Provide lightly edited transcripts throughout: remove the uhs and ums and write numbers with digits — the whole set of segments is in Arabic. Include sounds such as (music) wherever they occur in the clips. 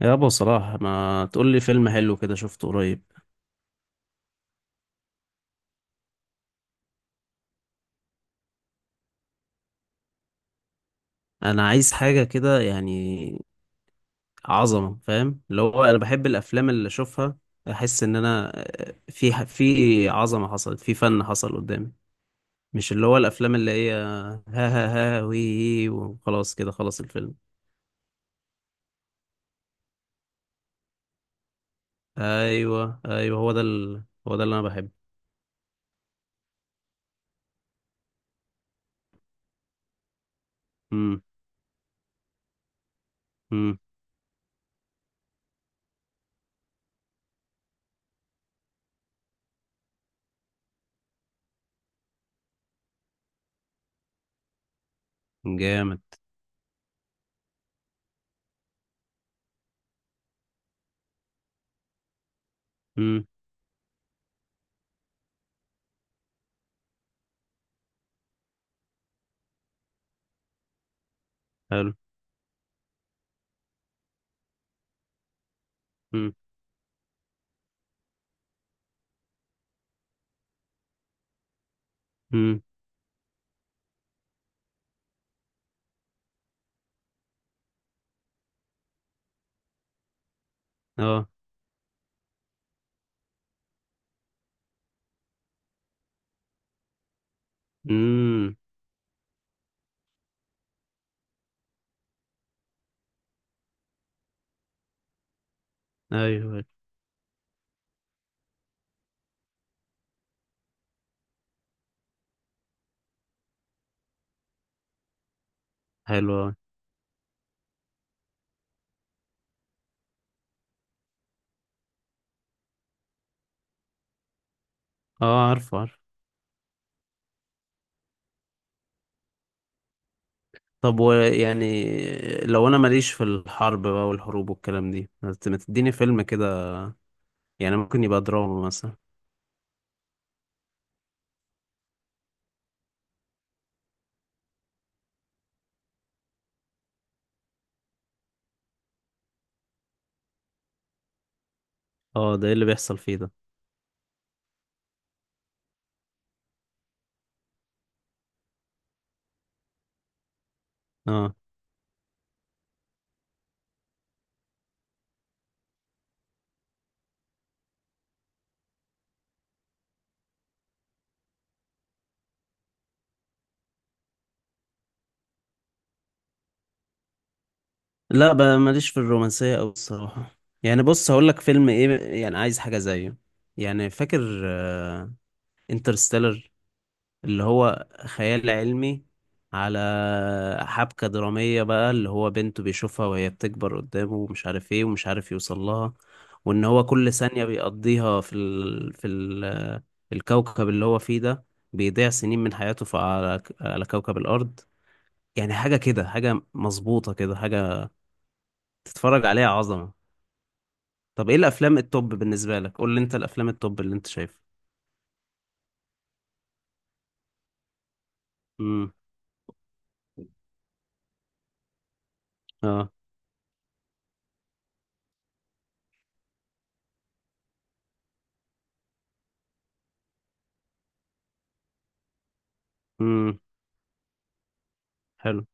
يابا صلاح، ما تقول لي فيلم حلو كده شفته قريب؟ انا عايز حاجه كده، يعني عظمه، فاهم؟ اللي هو انا بحب الافلام اللي اشوفها، احس ان انا في عظمه حصلت، في فن حصل قدامي. مش اللي هو الافلام اللي هي ها ها ها وي وخلاص كده خلص الفيلم. ايوه، ايوه، هو ده هو ده اللي انا بحبه. امم. امم. جامد. امم. حلو. امم. امم. اه. امم. ايوه، أيوه. حلو أوي. اه، عارفه، عارفه. طب، ويعني لو انا ماليش في الحرب بقى والحروب والكلام دي، ما تديني فيلم كده، يعني ممكن يبقى دراما مثلا. اه، ده ايه اللي بيحصل فيه ده؟ اه، لا بقى ماليش في الرومانسية أوي الصراحة. يعني بص، هقول لك فيلم ايه، يعني عايز حاجة زيه. يعني فاكر انترستيلر؟ اللي هو خيال علمي، على حبكة درامية بقى، اللي هو بنته بيشوفها وهي بتكبر قدامه ومش عارف ايه ومش عارف يوصل لها، وان هو كل ثانية بيقضيها الكوكب اللي هو فيه ده، بيضيع سنين من حياته على كوكب الأرض. يعني حاجة كده، حاجة مظبوطة كده، حاجة تتفرج عليها عظمة. طب، ايه الأفلام التوب بالنسبة لك؟ قول لي انت الأفلام التوب اللي انت شايفها. امم. اه. امم. حلو.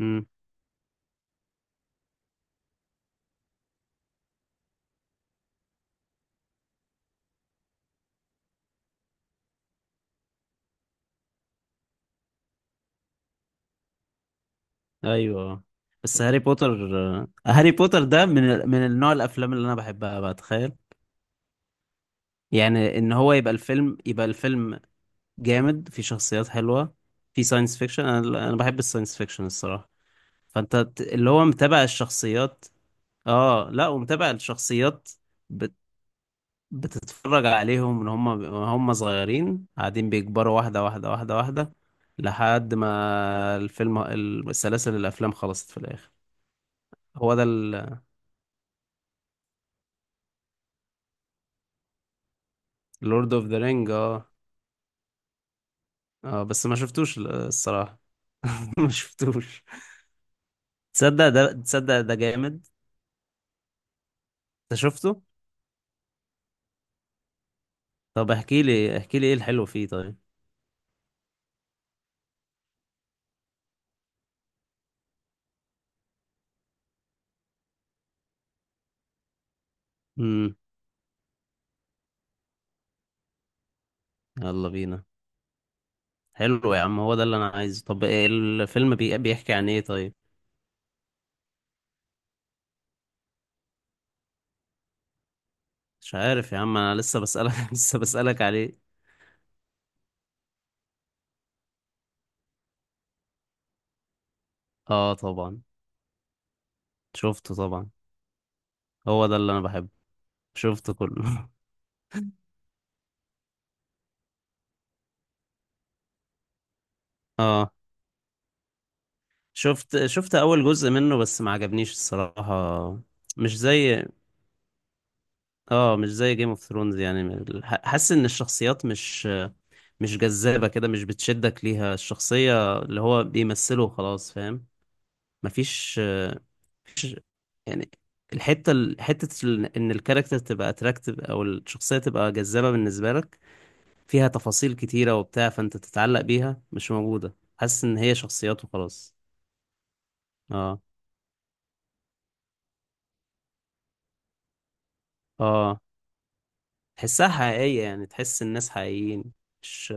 امم. ايوه، بس هاري بوتر. هاري بوتر ده من النوع الافلام اللي انا بحبها، بقى تخيل! يعني ان هو يبقى الفيلم، يبقى الفيلم جامد، في شخصيات حلوه، في ساينس فيكشن. انا بحب الساينس فيكشن الصراحه. فانت اللي هو متابع الشخصيات. اه، لا، ومتابع الشخصيات، بت... بتتفرج عليهم ان هم، هم صغيرين قاعدين بيكبروا واحده واحده واحده واحده لحد ما الفيلم، السلاسل الافلام خلصت في الاخر. هو ده. لورد اوف ذا رينج، اه. اه، بس ما شفتوش الصراحة. (laughs) ما شفتوش. تصدق ده، تصدق ده جامد. انت شفته؟ طب، احكي لي احكي لي ايه الحلو فيه طيب. امم. يلا بينا! حلو يا عم، هو ده اللي انا عايزه. طب إيه الفيلم بيحكي عن ايه طيب؟ مش عارف يا عم، انا لسه بسألك. (laughs) لسه بسألك عليه. اه، طبعا. شفته طبعا. هو ده اللي انا بحبه. شفته كله. (laughs) اه. شفت، شفت اول جزء منه بس ما عجبنيش الصراحة. مش زي، اه مش زي جيم اوف ثرونز يعني، حاسس ان الشخصيات مش، جذابة كده، مش بتشدك ليها الشخصية اللي هو بيمثله، خلاص فاهم؟ مفيش، مفيش- يعني الحتة حتة ان الكاركتر تبقى اتراكتيف او الشخصية تبقى جذابة بالنسبة لك، فيها تفاصيل كتيرة وبتاع، فانت تتعلق بيها، مش موجودة. حاسس ان هي شخصيات وخلاص. اه، اه، تحسها حقيقية، يعني تحس الناس حقيقيين، مش،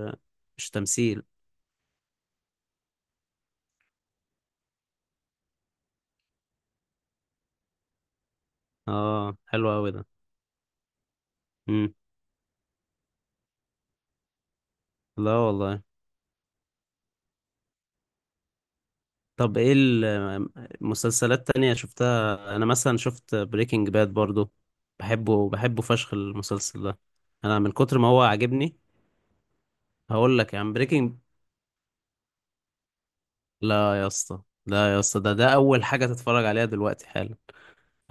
تمثيل. اه، حلو اوي ده. مم. لا والله. طب، ايه المسلسلات تانية شفتها؟ انا مثلا شفت بريكنج باد برضو، بحبه، بحبه فشخ المسلسل ده، انا من كتر ما هو عاجبني. هقول لك يا عم، بريكنج. لا يا اسطى، لا يا اسطى، ده اول حاجة تتفرج عليها دلوقتي حالا.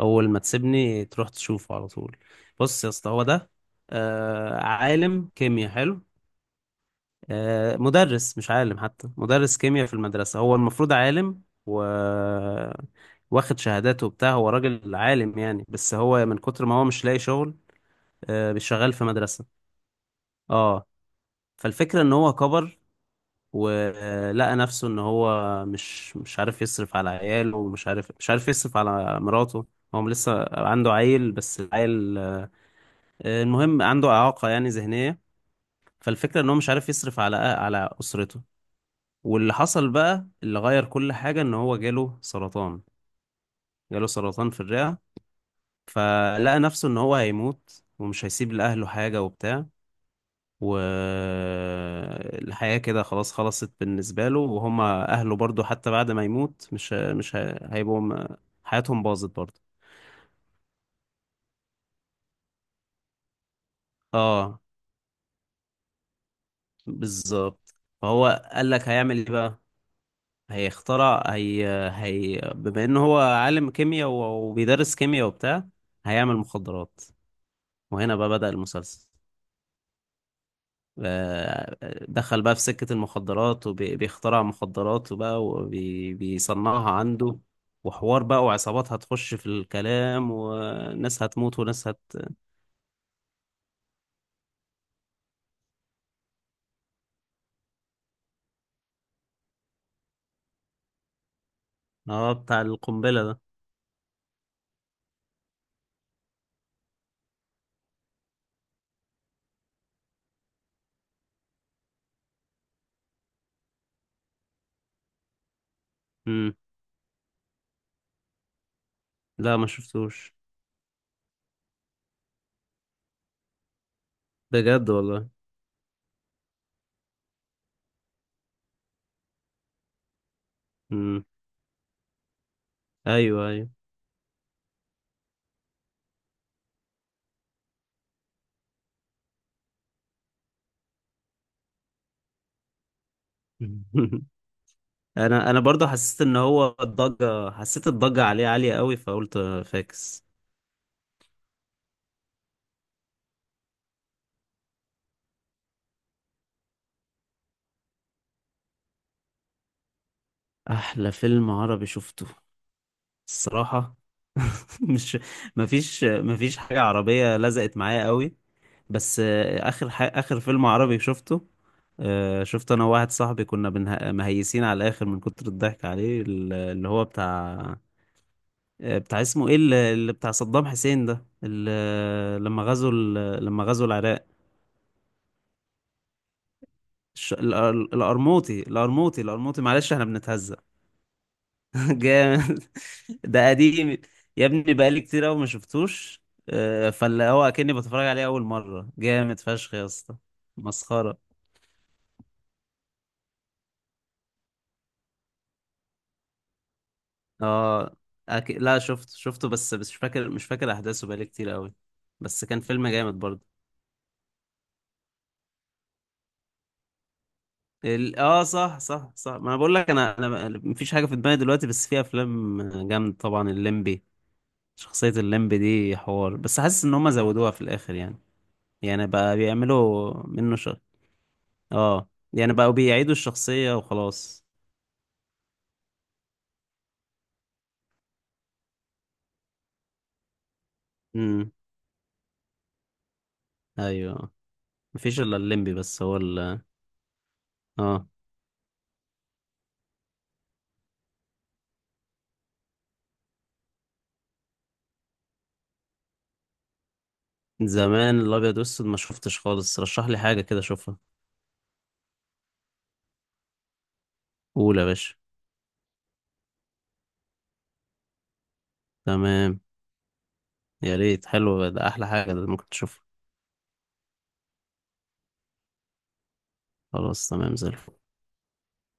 اول ما تسيبني تروح تشوفه على طول. بص يا اسطى، هو ده. عالم كيمياء حلو. مدرس، مش عالم حتى، مدرس كيمياء في المدرسة. هو المفروض عالم و واخد شهاداته وبتاع، هو راجل عالم يعني، بس هو من كتر ما هو مش لاقي شغل، شغال في مدرسة. اه. فالفكرة ان هو كبر ولقى نفسه ان هو مش عارف يصرف على عياله، ومش عارف مش عارف يصرف على مراته. هو لسه عنده عيل، بس العيل المهم عنده إعاقة، يعني ذهنية. فالفكرة ان هو مش عارف يصرف على أسرته. واللي حصل بقى اللي غير كل حاجة ان هو جاله سرطان. جاله سرطان في الرئة، فلقى نفسه ان هو هيموت ومش هيسيب لأهله حاجة وبتاع، والحياة كده خلاص خلصت بالنسبة له، وهما أهله برضو حتى بعد ما يموت مش هيبقوا حياتهم باظت برضو. اه، بالظبط. فهو قال لك هيعمل ايه بقى؟ هيخترع هي، بما انه هو عالم كيمياء وبيدرس كيمياء وبتاع، هيعمل مخدرات. وهنا بقى بدأ المسلسل. دخل بقى في سكة المخدرات وبيخترع مخدرات وبقى وبيصنعها عنده، وحوار بقى وعصابات هتخش في الكلام وناس هتموت وناس اه، بتاع القنبلة ده. مم. لا ما شفتوش. بجد والله. مم. ايوه، ايوه. (laughs) انا برضو حسيت ان هو الضجة، حسيت الضجة عليه عالية قوي، فقلت فاكس. احلى فيلم عربي شفته الصراحة، مش، مفيش حاجة عربية لزقت معايا قوي. بس آخر فيلم عربي شفته، شفته أنا وواحد صاحبي، كنا مهيسين على الآخر من كتر الضحك عليه، اللي هو بتاع، بتاع اسمه إيه؟ اللي بتاع صدام حسين ده، لما غزوا لما غزوا العراق. الش... الأر- الأرموطي، الأرموطي، الأرموطي. معلش احنا بنتهزق. (laughs) جامد. ده قديم، يا ابني بقالي كتير قوي ما شفتوش. فاللي هو اكني بتفرج عليه اول مره، جامد فشخ يا اسطى، مسخره. اه، لا شفته، شفته بس، مش فاكر، احداثه بقالي كتير قوي، بس كان فيلم جامد برضه. اه، صح، صح، صح، ما انا بقول لك، انا مفيش حاجه في دماغي دلوقتي، بس في افلام جامد، طبعا الليمبي. شخصيه الليمبي دي حوار، بس حاسس ان هم زودوها في الاخر يعني، يعني بقى بيعملوا منه اه، يعني بقوا بيعيدوا الشخصيه وخلاص. امم. ايوه، مفيش الا الليمبي، بس هو اه. زمان الابيض والاسود ما شفتش خالص، رشح لي حاجه كده اشوفها. قول يا باشا. تمام. يا ريت، حلو ده، احلى حاجه ده ممكن تشوفها. خلاص تمام، زي الفل.